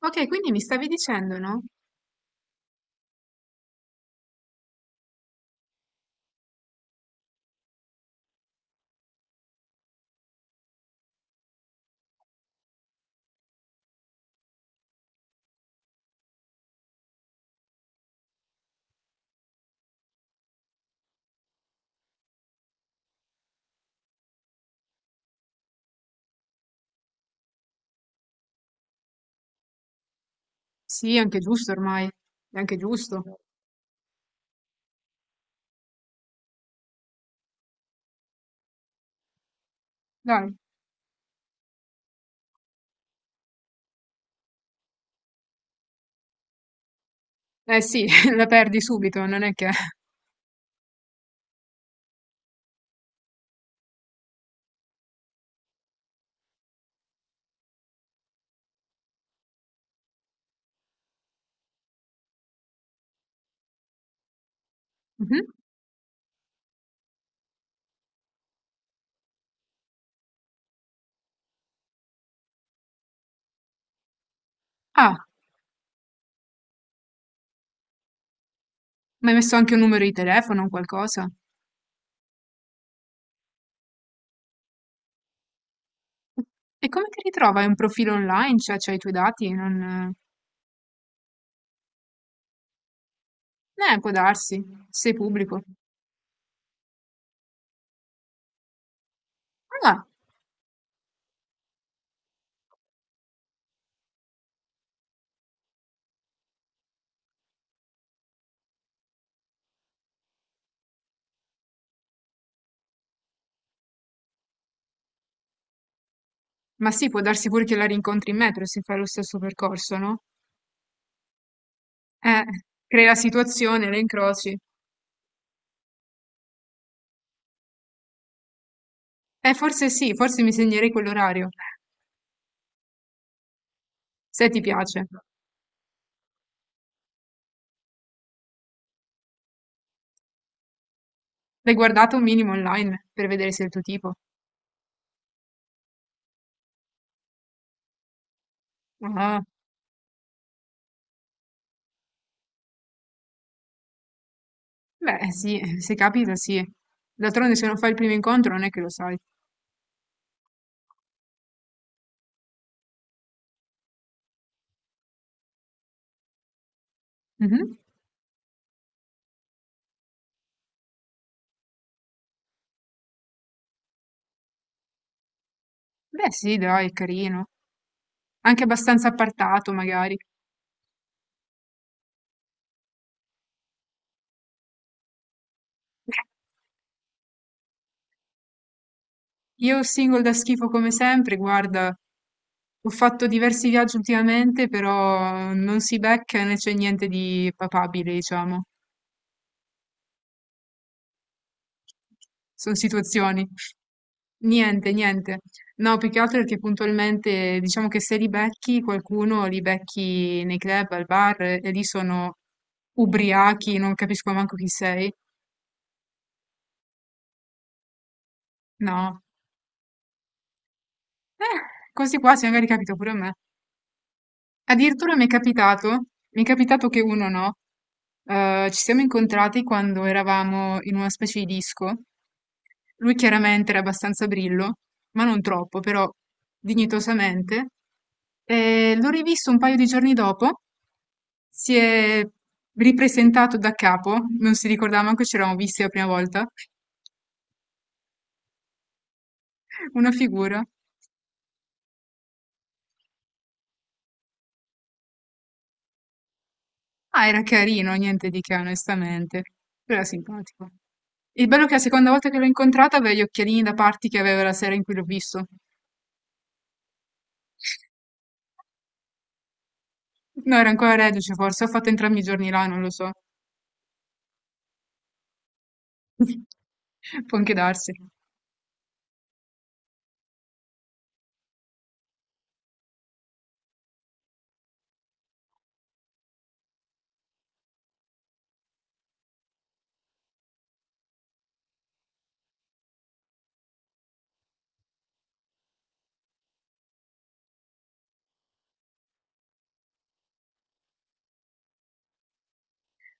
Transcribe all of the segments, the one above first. Ok, quindi mi stavi dicendo, no? Sì, è anche giusto ormai, è anche giusto. Dai. Eh sì, la perdi subito, non è che... Mhm. Ah, ma hai messo anche un numero di telefono o qualcosa? E come ti ritrova? Hai un profilo online? Cioè, c'hai i tuoi dati? Non... può darsi, sei pubblico. Ah, ma sì, può darsi pure che la rincontri in metro se fai lo stesso percorso, no? Eh, crei la situazione, la incroci. Forse sì, forse mi segnerei quell'orario, se ti piace. L'hai guardato un minimo online per vedere se è il tuo tipo? Ah, beh, sì, se capita sì. D'altronde se non fai il primo incontro non è che lo sai. Mhm. Beh, sì, dai, è carino. Anche abbastanza appartato, magari. Io single da schifo come sempre, guarda, ho fatto diversi viaggi ultimamente, però non si becca né c'è niente di papabile, diciamo. Sono situazioni. Niente, niente. No, più che altro perché puntualmente diciamo che se li becchi qualcuno, li becchi nei club, al bar e lì sono ubriachi, non capisco manco chi sei. No. Questi qua se magari capita pure a me. Addirittura mi è capitato, che uno no. Ci siamo incontrati quando eravamo in una specie di disco. Lui chiaramente era abbastanza brillo, ma non troppo, però dignitosamente. E l'ho rivisto un paio di giorni dopo, si è ripresentato da capo, non si ricordava manco ci eravamo visti la prima volta, una figura. Ah, era carino, niente di che, onestamente, però era simpatico. Il bello è che la seconda volta che l'ho incontrata aveva gli occhialini da parti che aveva la sera in cui l'ho visto. No, era ancora reduce forse, ho fatto entrambi i giorni là, non lo so. Può anche darsi.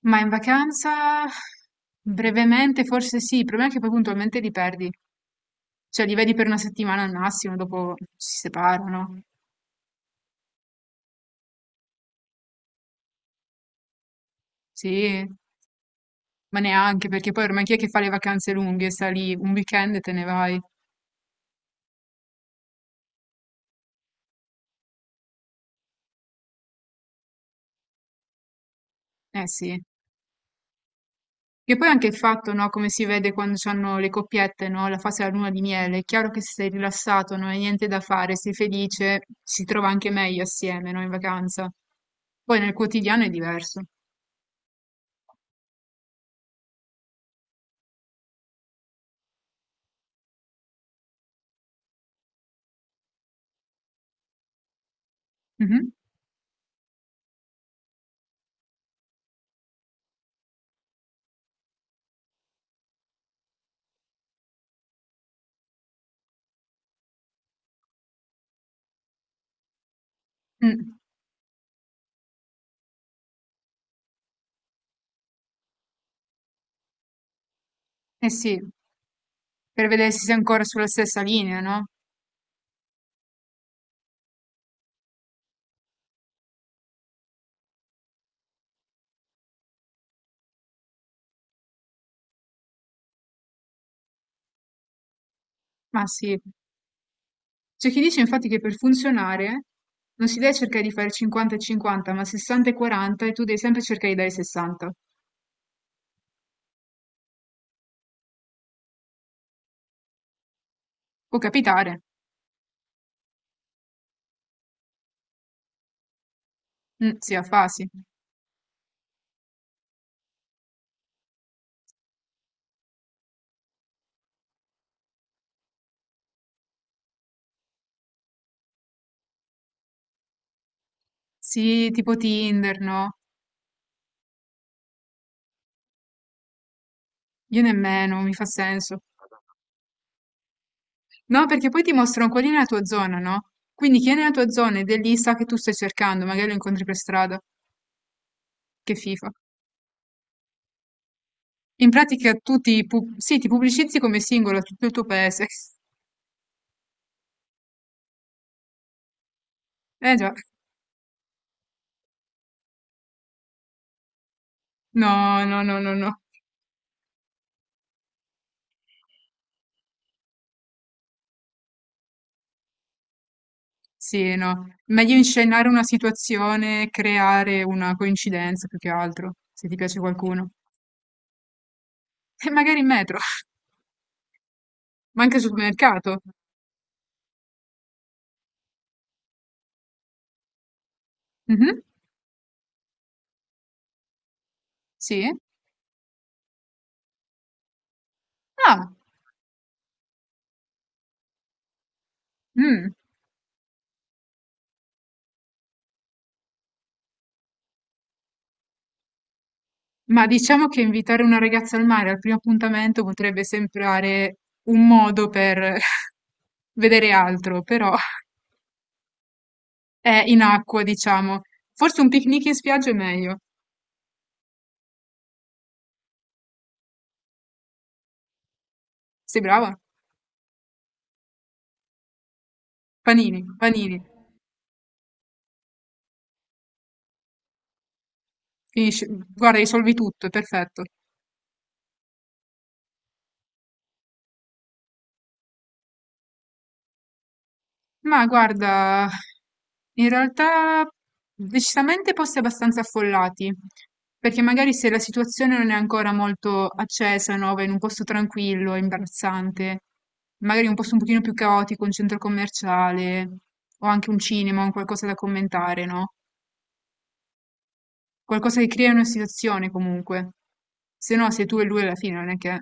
Ma in vacanza brevemente forse sì, il problema è che poi puntualmente li perdi, cioè li vedi per una settimana al massimo, dopo si separano, sì, ma neanche perché poi ormai chi è che fa le vacanze lunghe, sta lì un weekend e te ne vai, eh sì. Che poi anche il fatto, no, come si vede quando hanno le coppiette, no, la fase della luna di miele, è chiaro che se sei rilassato, non hai niente da fare, sei felice, si trova anche meglio assieme, no, in vacanza. Poi nel quotidiano è diverso. Mhm. Mm. Eh sì. Per vedere se sei ancora sulla stessa linea, no? Ma sì. C'è chi dice infatti che per funzionare non si deve cercare di fare 50 e 50, ma 60 e 40 e tu devi sempre cercare di dare 60. Può capitare, mm, sì, a fasi. Sì, tipo Tinder, no? Io nemmeno, mi fa senso. No, perché poi ti mostrano qual è la tua zona, no? Quindi chi è nella tua zona ed è lì sa che tu stai cercando, magari lo incontri per strada. Che fifa. In pratica tu ti, pu- sì, ti pubblicizzi come singolo a tutto il tuo paese. Eh già. No, no, no, no, no. Sì, no. Meglio inscenare una situazione, creare una coincidenza più che altro, se ti piace qualcuno. E magari in metro, ma anche al supermercato. Mhm. Sì. Ah, mm. Ma diciamo che invitare una ragazza al mare al primo appuntamento potrebbe sembrare un modo per vedere altro, però è in acqua, diciamo. Forse un picnic in spiaggia è meglio. Sei brava? Panini, panini. Finisci, guarda, risolvi tutto, è perfetto. Ma guarda, in realtà decisamente posti abbastanza affollati, perché magari se la situazione non è ancora molto accesa, no, vai in un posto tranquillo, è imbarazzante, magari un posto un pochino più caotico, un centro commerciale, o anche un cinema, un qualcosa da commentare, no? Qualcosa che crea una situazione comunque. Se no, sei tu e lui alla fine, non è che...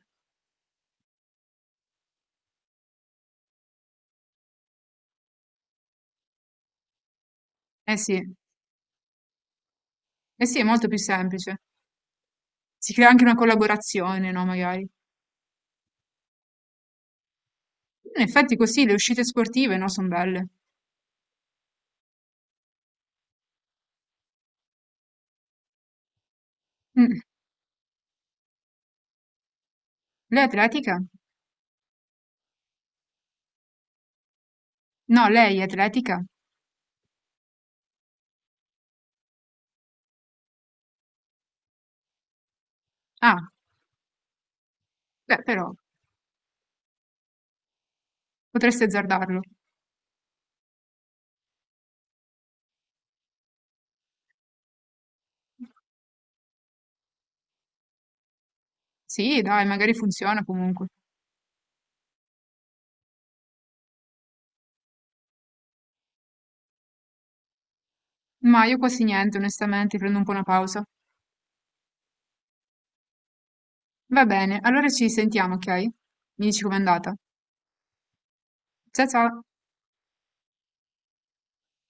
Eh sì, eh sì, è molto più semplice. Si crea anche una collaborazione, no, magari. In effetti così le uscite sportive, no, son belle. Mh. Lei è atletica? No, lei è atletica? Ah, beh però, potresti azzardarlo. Sì, dai, magari funziona comunque. Ma io quasi niente, onestamente, prendo un po' una pausa. Va bene, allora ci sentiamo, ok? Mi dici com'è andata. Ciao.